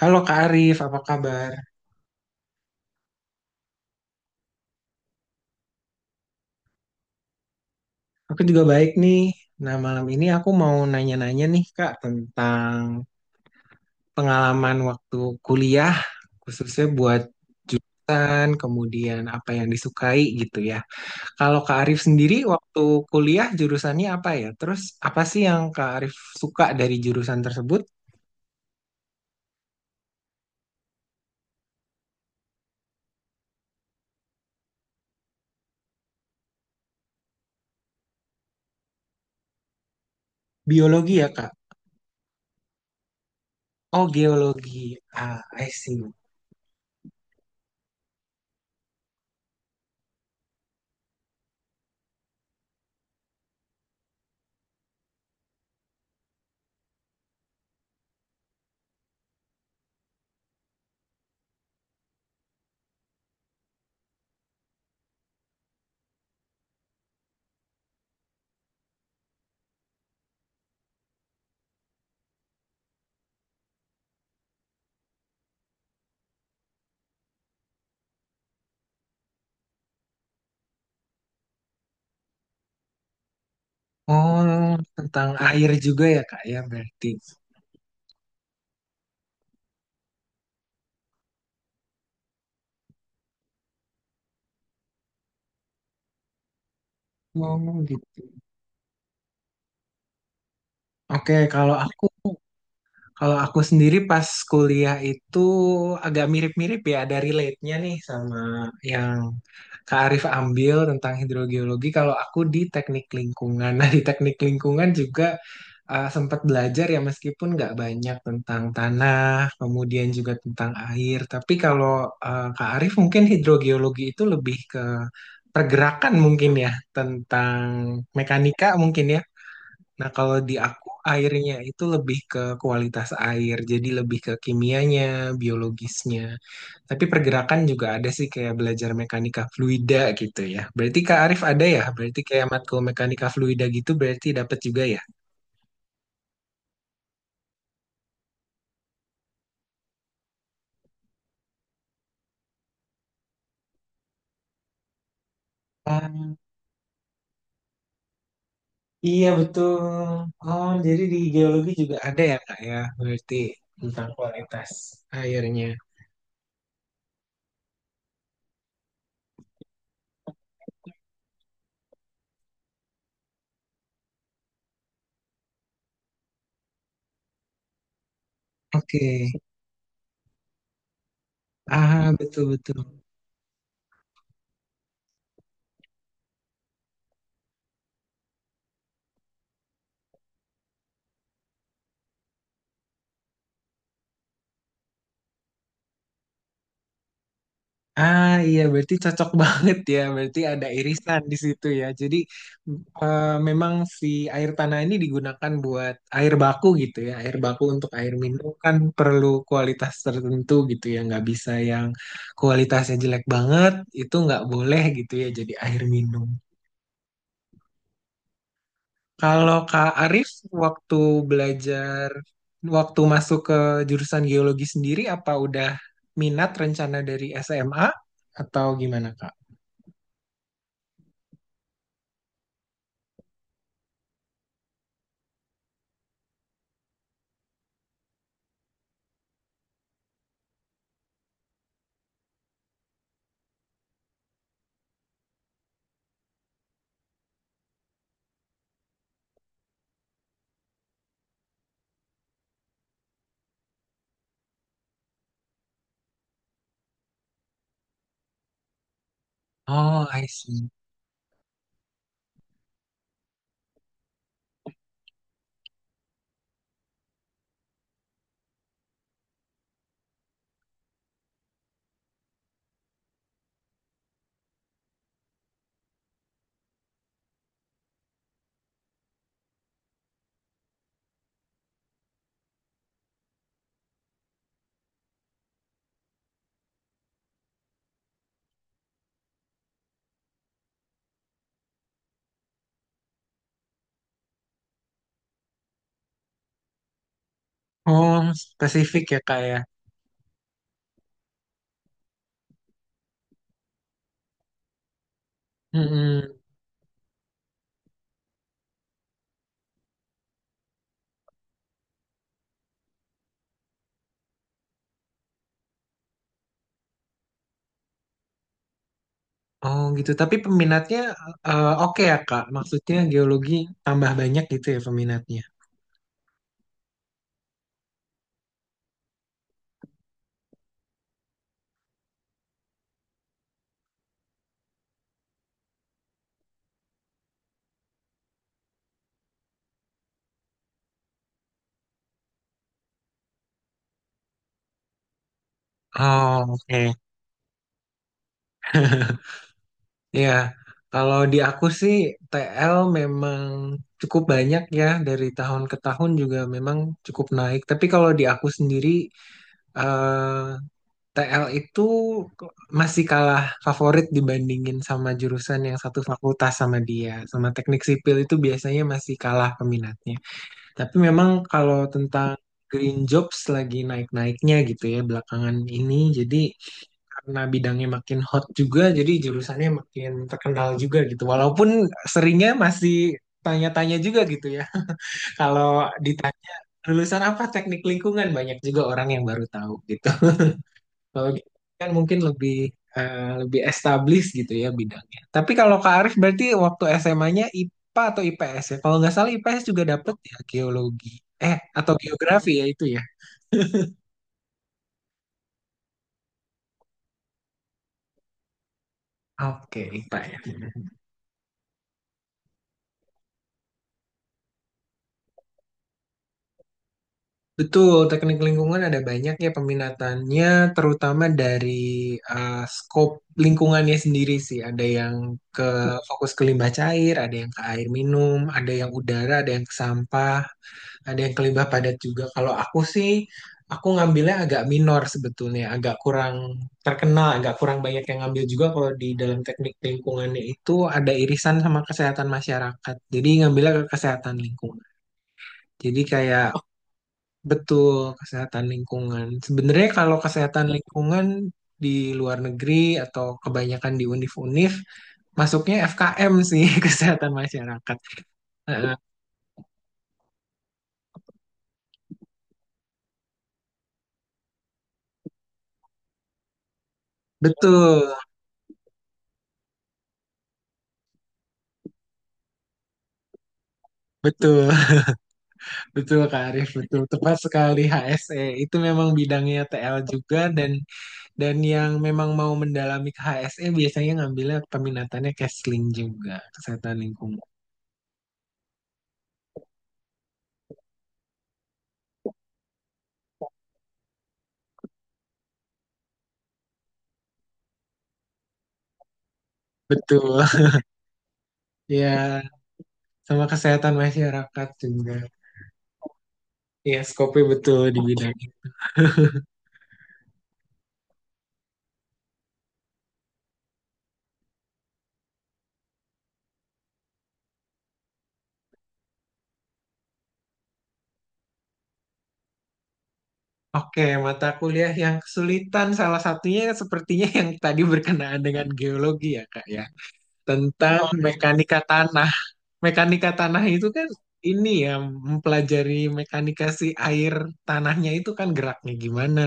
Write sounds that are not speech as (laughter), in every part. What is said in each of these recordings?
Halo Kak Arif, apa kabar? Aku juga baik nih. Nah, malam ini aku mau nanya-nanya nih Kak tentang pengalaman waktu kuliah, khususnya buat jurusan, kemudian apa yang disukai gitu ya. Kalau Kak Arif sendiri waktu kuliah jurusannya apa ya? Terus apa sih yang Kak Arif suka dari jurusan tersebut? Biologi ya Kak? Oh, geologi. Ah, I see. Oh, tentang air juga ya Kak ya berarti. Oh, gitu. Oke, kalau aku sendiri pas kuliah itu agak mirip-mirip ya, ada relate-nya nih sama yang Kak Arif ambil tentang hidrogeologi. Kalau aku di teknik lingkungan, (laughs) nah di teknik lingkungan juga sempat belajar ya meskipun nggak banyak tentang tanah, kemudian juga tentang air. Tapi kalau Kak Arif mungkin hidrogeologi itu lebih ke pergerakan mungkin ya, tentang mekanika mungkin ya. Nah, kalau di aku airnya itu lebih ke kualitas air, jadi lebih ke kimianya, biologisnya. Tapi pergerakan juga ada sih kayak belajar mekanika fluida gitu ya. Berarti Kak Arif ada ya? Berarti kayak matkul mekanika fluida gitu berarti dapat juga ya? Ah, iya betul. Oh, jadi di geologi juga ada ya Kak ya? Berarti tentang kualitas airnya. Oke. Ah, betul-betul. Ah, iya berarti cocok (laughs) banget ya, berarti ada irisan di situ ya. Jadi memang si air tanah ini digunakan buat air baku gitu ya, air baku untuk air minum kan perlu kualitas tertentu gitu ya, nggak bisa yang kualitasnya jelek banget, itu nggak boleh gitu ya jadi air minum. Kalau Kak Arif waktu belajar waktu masuk ke jurusan geologi sendiri apa udah minat rencana dari SMA atau gimana Kak? Oh, I see. Oh, spesifik ya, Kak ya. Mm-mm. Oh, gitu. Tapi peminatnya oke ya, Kak. Maksudnya geologi tambah banyak gitu ya peminatnya. Oh, oke. (laughs) Iya, kalau di aku sih TL memang cukup banyak ya, dari tahun ke tahun juga memang cukup naik. Tapi kalau di aku sendiri eh, TL itu masih kalah favorit dibandingin sama jurusan yang satu fakultas sama dia. Sama teknik sipil itu biasanya masih kalah peminatnya. Tapi memang kalau tentang green jobs lagi naik-naiknya gitu ya belakangan ini. Jadi karena bidangnya makin hot juga, jadi jurusannya makin terkenal juga gitu. Walaupun seringnya masih tanya-tanya juga gitu ya. (laughs) Kalau ditanya lulusan apa teknik lingkungan, banyak juga orang yang baru tahu gitu. Kalau gitu kan mungkin lebih established gitu ya bidangnya. Tapi kalau Kak Arif berarti waktu SMA-nya IPA atau IPS ya? Kalau nggak salah IPS juga dapet ya geologi. Eh, atau geografi ya itu ya. Oke, IPA ya. Betul, teknik lingkungan ada banyak ya peminatannya, terutama dari skop lingkungannya sendiri sih. Ada yang ke fokus ke limbah cair, ada yang ke air minum, ada yang udara, ada yang ke sampah, ada yang kelibah padat juga. Kalau aku sih, aku ngambilnya agak minor sebetulnya, agak kurang terkenal, agak kurang banyak yang ngambil juga. Kalau di dalam teknik lingkungannya itu ada irisan sama kesehatan masyarakat, jadi ngambilnya ke kesehatan lingkungan. Jadi kayak betul, kesehatan lingkungan. Sebenarnya kalau kesehatan lingkungan di luar negeri atau kebanyakan di univ-univ masuknya FKM sih, (laughs) kesehatan masyarakat. Nah, betul, betul. Betul Kak Arif, betul. Tepat sekali, HSE. Itu memang bidangnya TL juga, dan yang memang mau mendalami ke HSE biasanya ngambilnya peminatannya Kesling juga, kesehatan lingkungan. Betul. (laughs) Ya, sama kesehatan masyarakat juga. Ya, skopnya betul di bidang ini. Oke, mata kuliah yang kesulitan salah satunya sepertinya yang tadi berkenaan dengan geologi ya, Kak ya. Tentang mekanika tanah. Mekanika tanah itu kan ini ya, mempelajari mekanika si air tanahnya itu kan geraknya gimana.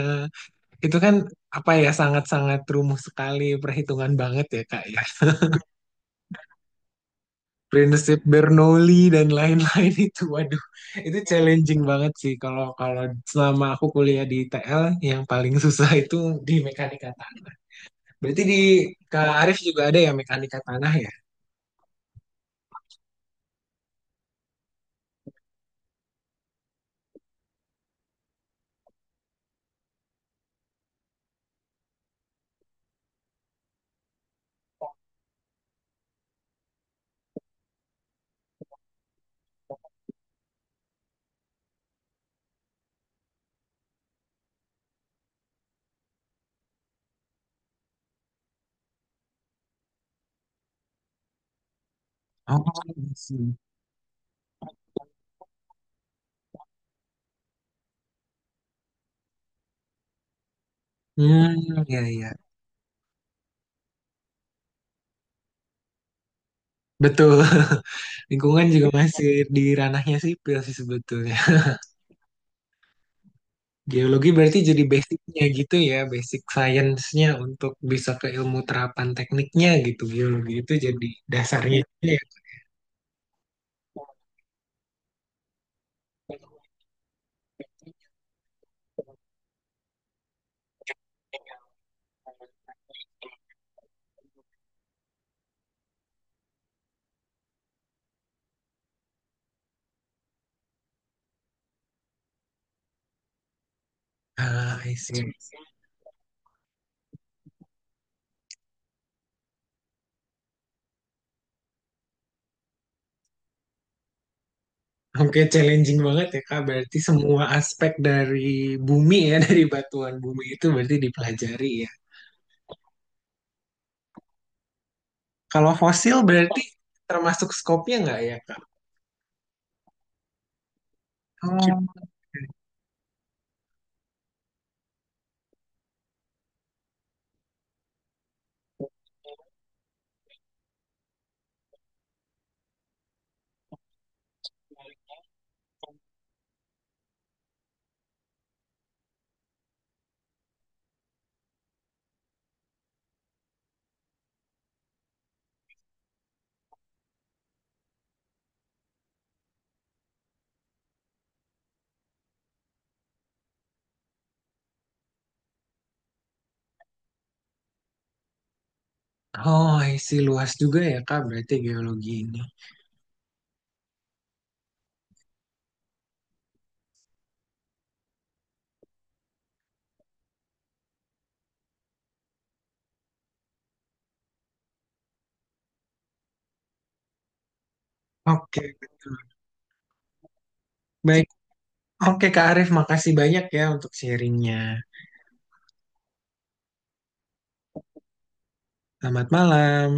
Itu kan apa ya, sangat-sangat rumit sekali perhitungan banget ya Kak ya. Prinsip Bernoulli dan lain-lain, (laughs) itu waduh, itu challenging banget sih. Kalau kalau selama aku kuliah di TL yang paling susah itu di mekanika tanah. Berarti di Kak Arif juga ada ya mekanika tanah ya? Oh, I see. Hmm, ya ya. Betul, lingkungan juga masih di ranahnya sipil sih sebetulnya. Geologi berarti jadi basicnya gitu ya, basic science-nya untuk bisa ke ilmu terapan tekniknya gitu. Geologi itu jadi dasarnya, gitu ya. Ah, I see. Oke, challenging banget ya Kak. Berarti semua aspek dari bumi ya, (laughs) dari batuan bumi itu berarti dipelajari ya. Kalau fosil berarti termasuk skopnya nggak ya Kak? Oh, oh, I see. Luas juga ya Kak, berarti geologi ini. Oke, baik. Oke, Kak Arif, makasih banyak ya untuk sharingnya. Selamat malam.